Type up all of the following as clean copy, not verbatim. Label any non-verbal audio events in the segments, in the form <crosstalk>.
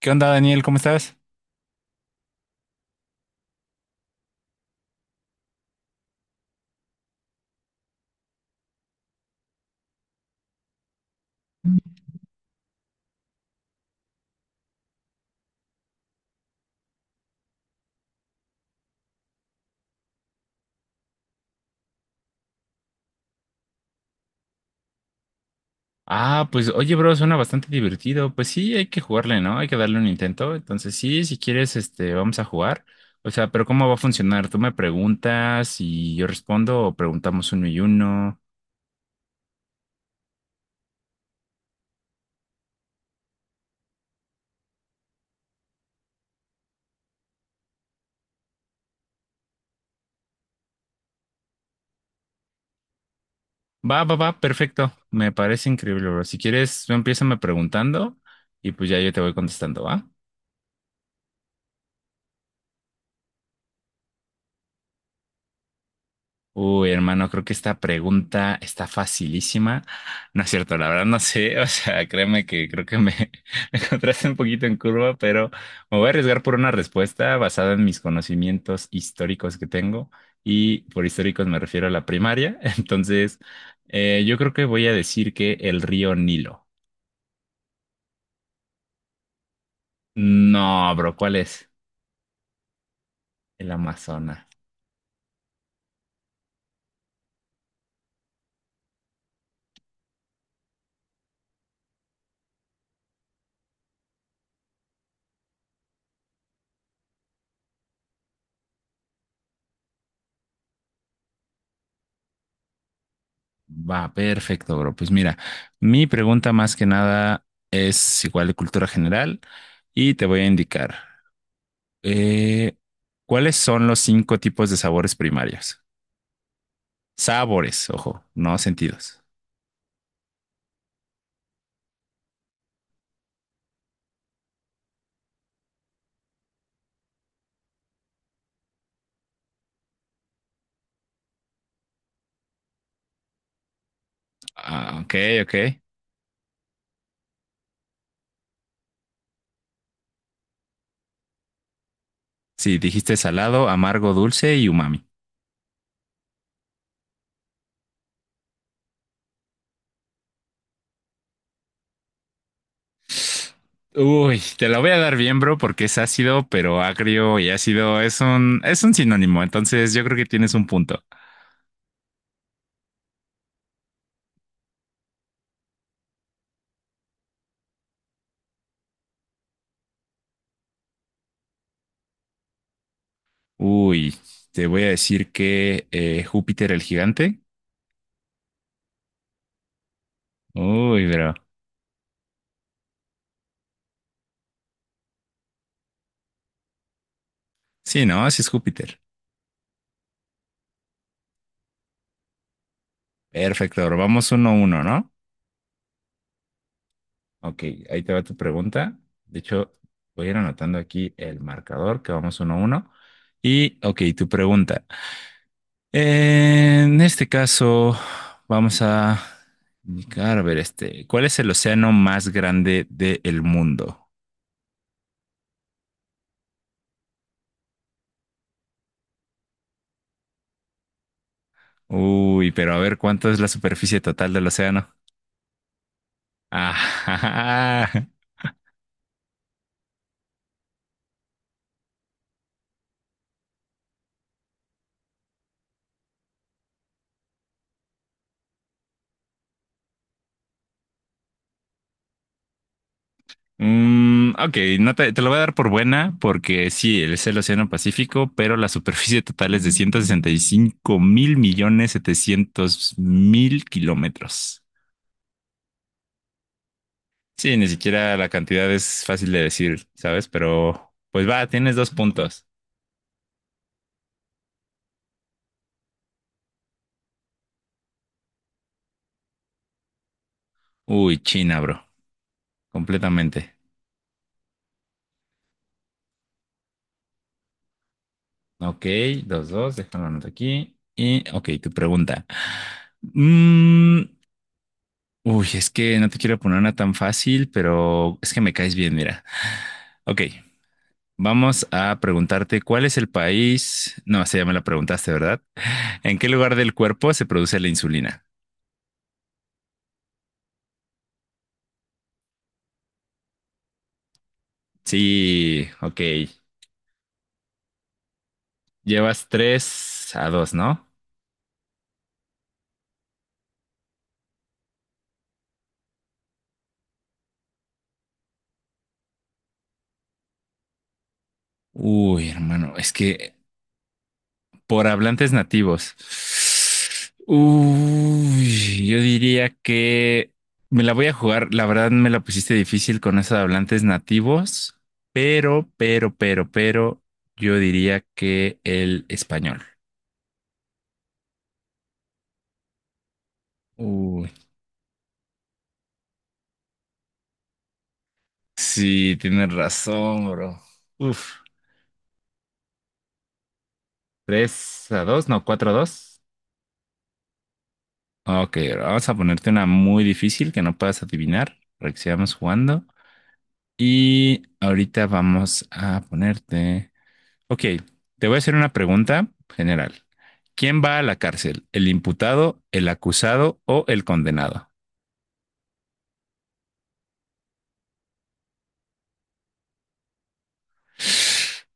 ¿Qué onda, Daniel? ¿Cómo estás? Ah, pues oye, bro, suena bastante divertido. Pues sí, hay que jugarle, ¿no? Hay que darle un intento. Entonces, sí, si quieres, este, vamos a jugar. O sea, pero ¿cómo va a funcionar? ¿Tú me preguntas y yo respondo o preguntamos uno y uno? Va, va, va, perfecto. Me parece increíble, bro. Si quieres, tú empiézame preguntando y pues ya yo te voy contestando, ¿va? Uy, hermano, creo que esta pregunta está facilísima. No es cierto, la verdad no sé. <laughs> O sea, créeme que creo que me, <laughs> me encontraste un poquito en curva, pero me voy a arriesgar por una respuesta basada en mis conocimientos históricos que tengo. Y por históricos me refiero a la primaria. <laughs> Entonces, yo creo que voy a decir que el río Nilo. No, bro, ¿cuál es? El Amazonas. Va, perfecto, bro. Pues mira, mi pregunta más que nada es igual de cultura general y te voy a indicar eh, cuáles son los cinco tipos de sabores primarios. Sabores, ojo, no sentidos. Ah, ok, ok. Sí, dijiste salado, amargo, dulce y umami. Uy, te la voy a dar bien, bro, porque es ácido, pero agrio y ácido es un sinónimo. Entonces yo creo que tienes un punto. Uy, te voy a decir que Júpiter el gigante. Uy, pero. Sí, no, sí es Júpiter. Perfecto, ahora vamos uno a uno, ¿no? Ok, ahí te va tu pregunta. De hecho, voy a ir anotando aquí el marcador que vamos uno a uno. Y, ok, tu pregunta. En este caso, vamos a indicar. A ver, este, ¿cuál es el océano más grande del mundo? Uy, pero a ver, ¿cuánto es la superficie total del océano? <laughs> Ajá. Mm, ok, no te lo voy a dar por buena porque sí, es el Océano Pacífico, pero la superficie total es de 165.700.000.000 kilómetros. Sí, ni siquiera la cantidad es fácil de decir, ¿sabes? Pero pues va, tienes dos puntos. Uy, China, bro, completamente. Ok, dos, dos, déjalo anoto aquí. Y, ok, tu pregunta. Mm, uy, es que no te quiero poner una tan fácil, pero es que me caes bien, mira. Ok. Vamos a preguntarte cuál es el país, no, esa ya me la preguntaste, ¿verdad? ¿En qué lugar del cuerpo se produce la insulina? Sí, ok. Llevas 3-2, ¿no? Uy, hermano, es que por hablantes nativos. Uy, yo diría que me la voy a jugar. La verdad me la pusiste difícil con esos hablantes nativos, pero, yo diría que el español. Uy. Sí, tienes razón, bro. Uf, 3-2, no, 4-2. Ok, bro, vamos a ponerte una muy difícil que no puedas adivinar para que sigamos jugando. Y ahorita vamos a ponerte... Ok, te voy a hacer una pregunta general. ¿Quién va a la cárcel? ¿El imputado, el acusado o el condenado?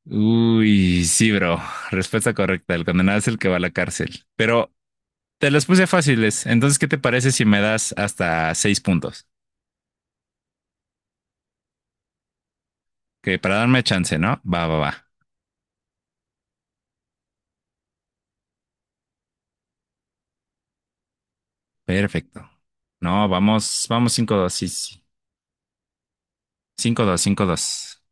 Uy, sí, bro. Respuesta correcta. El condenado es el que va a la cárcel. Pero te los puse fáciles. Entonces, ¿qué te parece si me das hasta seis puntos? Que para darme chance, ¿no? Va, va, va. Perfecto. No, vamos, vamos 5-2, sí, sí. 5-2. 5-2.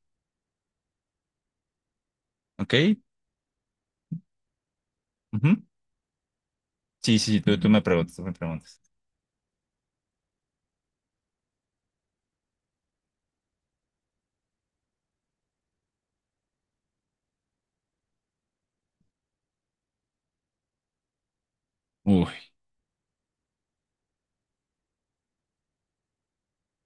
¿Ok? Ujú. Sí, sí, tú me preguntas, tú me preguntas. Uy,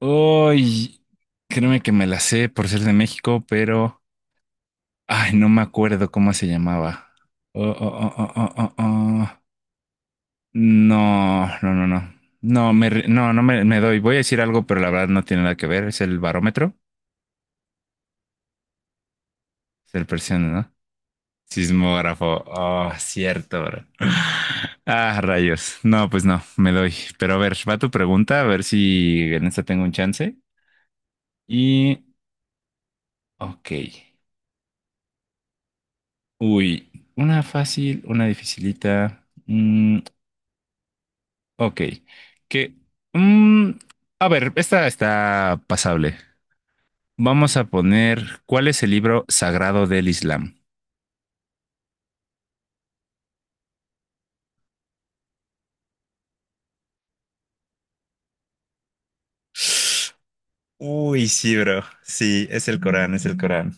uy, créeme que me la sé por ser de México, pero, ay, no me acuerdo cómo se llamaba. Oh, oh, oh, oh, oh, oh, oh. No, no, no, no. No, me, ri- no, no me doy. Voy a decir algo, pero la verdad no tiene nada que ver. Es el barómetro. Es el presión, ¿no? Sismógrafo. Oh, cierto, bro. Ah, rayos. No, pues no, me doy. Pero a ver, va tu pregunta, a ver si en esta tengo un chance. Y, ok. Uy, una fácil, una dificilita. Mm, ok. Que, mm, a ver, esta está pasable. Vamos a poner, ¿cuál es el libro sagrado del Islam? Uy, sí, bro. Sí, es el Corán, es el Corán.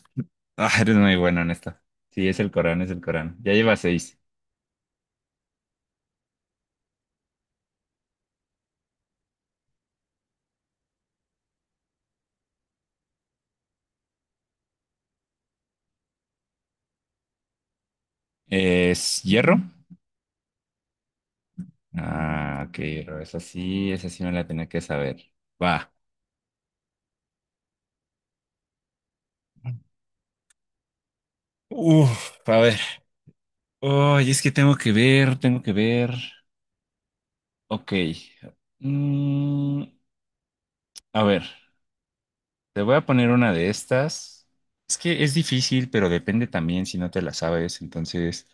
Ah, eres muy bueno en esto. Sí, es el Corán, es el Corán. Ya lleva seis. ¿Es hierro? Ah, ok, hierro. Esa sí me la tenía que saber. Va. Uf, a ver. Ay, es que tengo que ver, tengo que ver. Ok. Mm, a ver. Te voy a poner una de estas. Es que es difícil, pero depende también si no te la sabes. Entonces,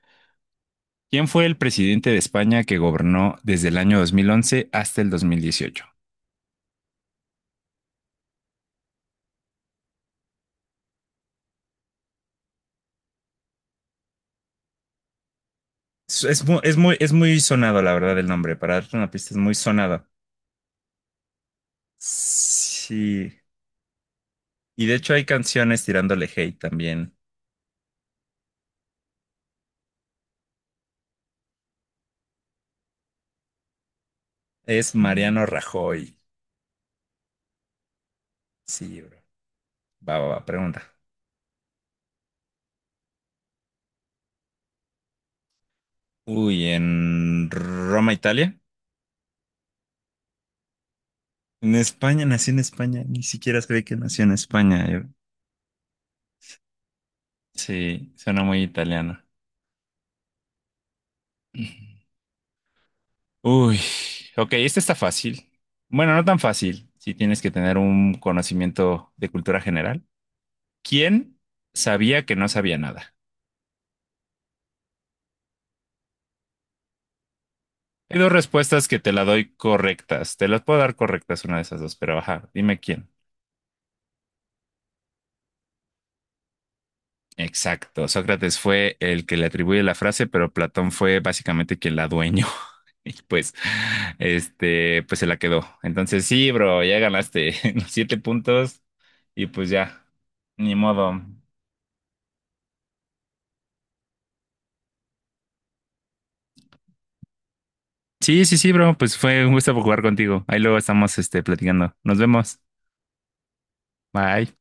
¿quién fue el presidente de España que gobernó desde el año 2011 hasta el 2018? Es muy sonado, la verdad, el nombre. Para darte una pista, es muy sonado. Sí. Y de hecho hay canciones tirándole hate también. Es... Mm. Mariano Rajoy. Sí, bro. Va, va, va, pregunta. Uy, ¿en Roma, Italia? En España, nació en España. Ni siquiera sabía que nació en España. Sí, suena muy italiano. Uy, ok, este está fácil. Bueno, no tan fácil, si tienes que tener un conocimiento de cultura general. ¿Quién sabía que no sabía nada? Hay dos respuestas que te la doy correctas. Te las puedo dar correctas una de esas dos, pero ajá, dime quién. Exacto, Sócrates fue el que le atribuye la frase, pero Platón fue básicamente quien la adueñó. <laughs> Y pues, este, pues se la quedó. Entonces, sí, bro, ya ganaste <laughs> los siete puntos. Y pues ya, ni modo. Sí, sí, sí, bro. Pues fue un gusto jugar contigo. Ahí luego estamos, este, platicando. Nos vemos. Bye.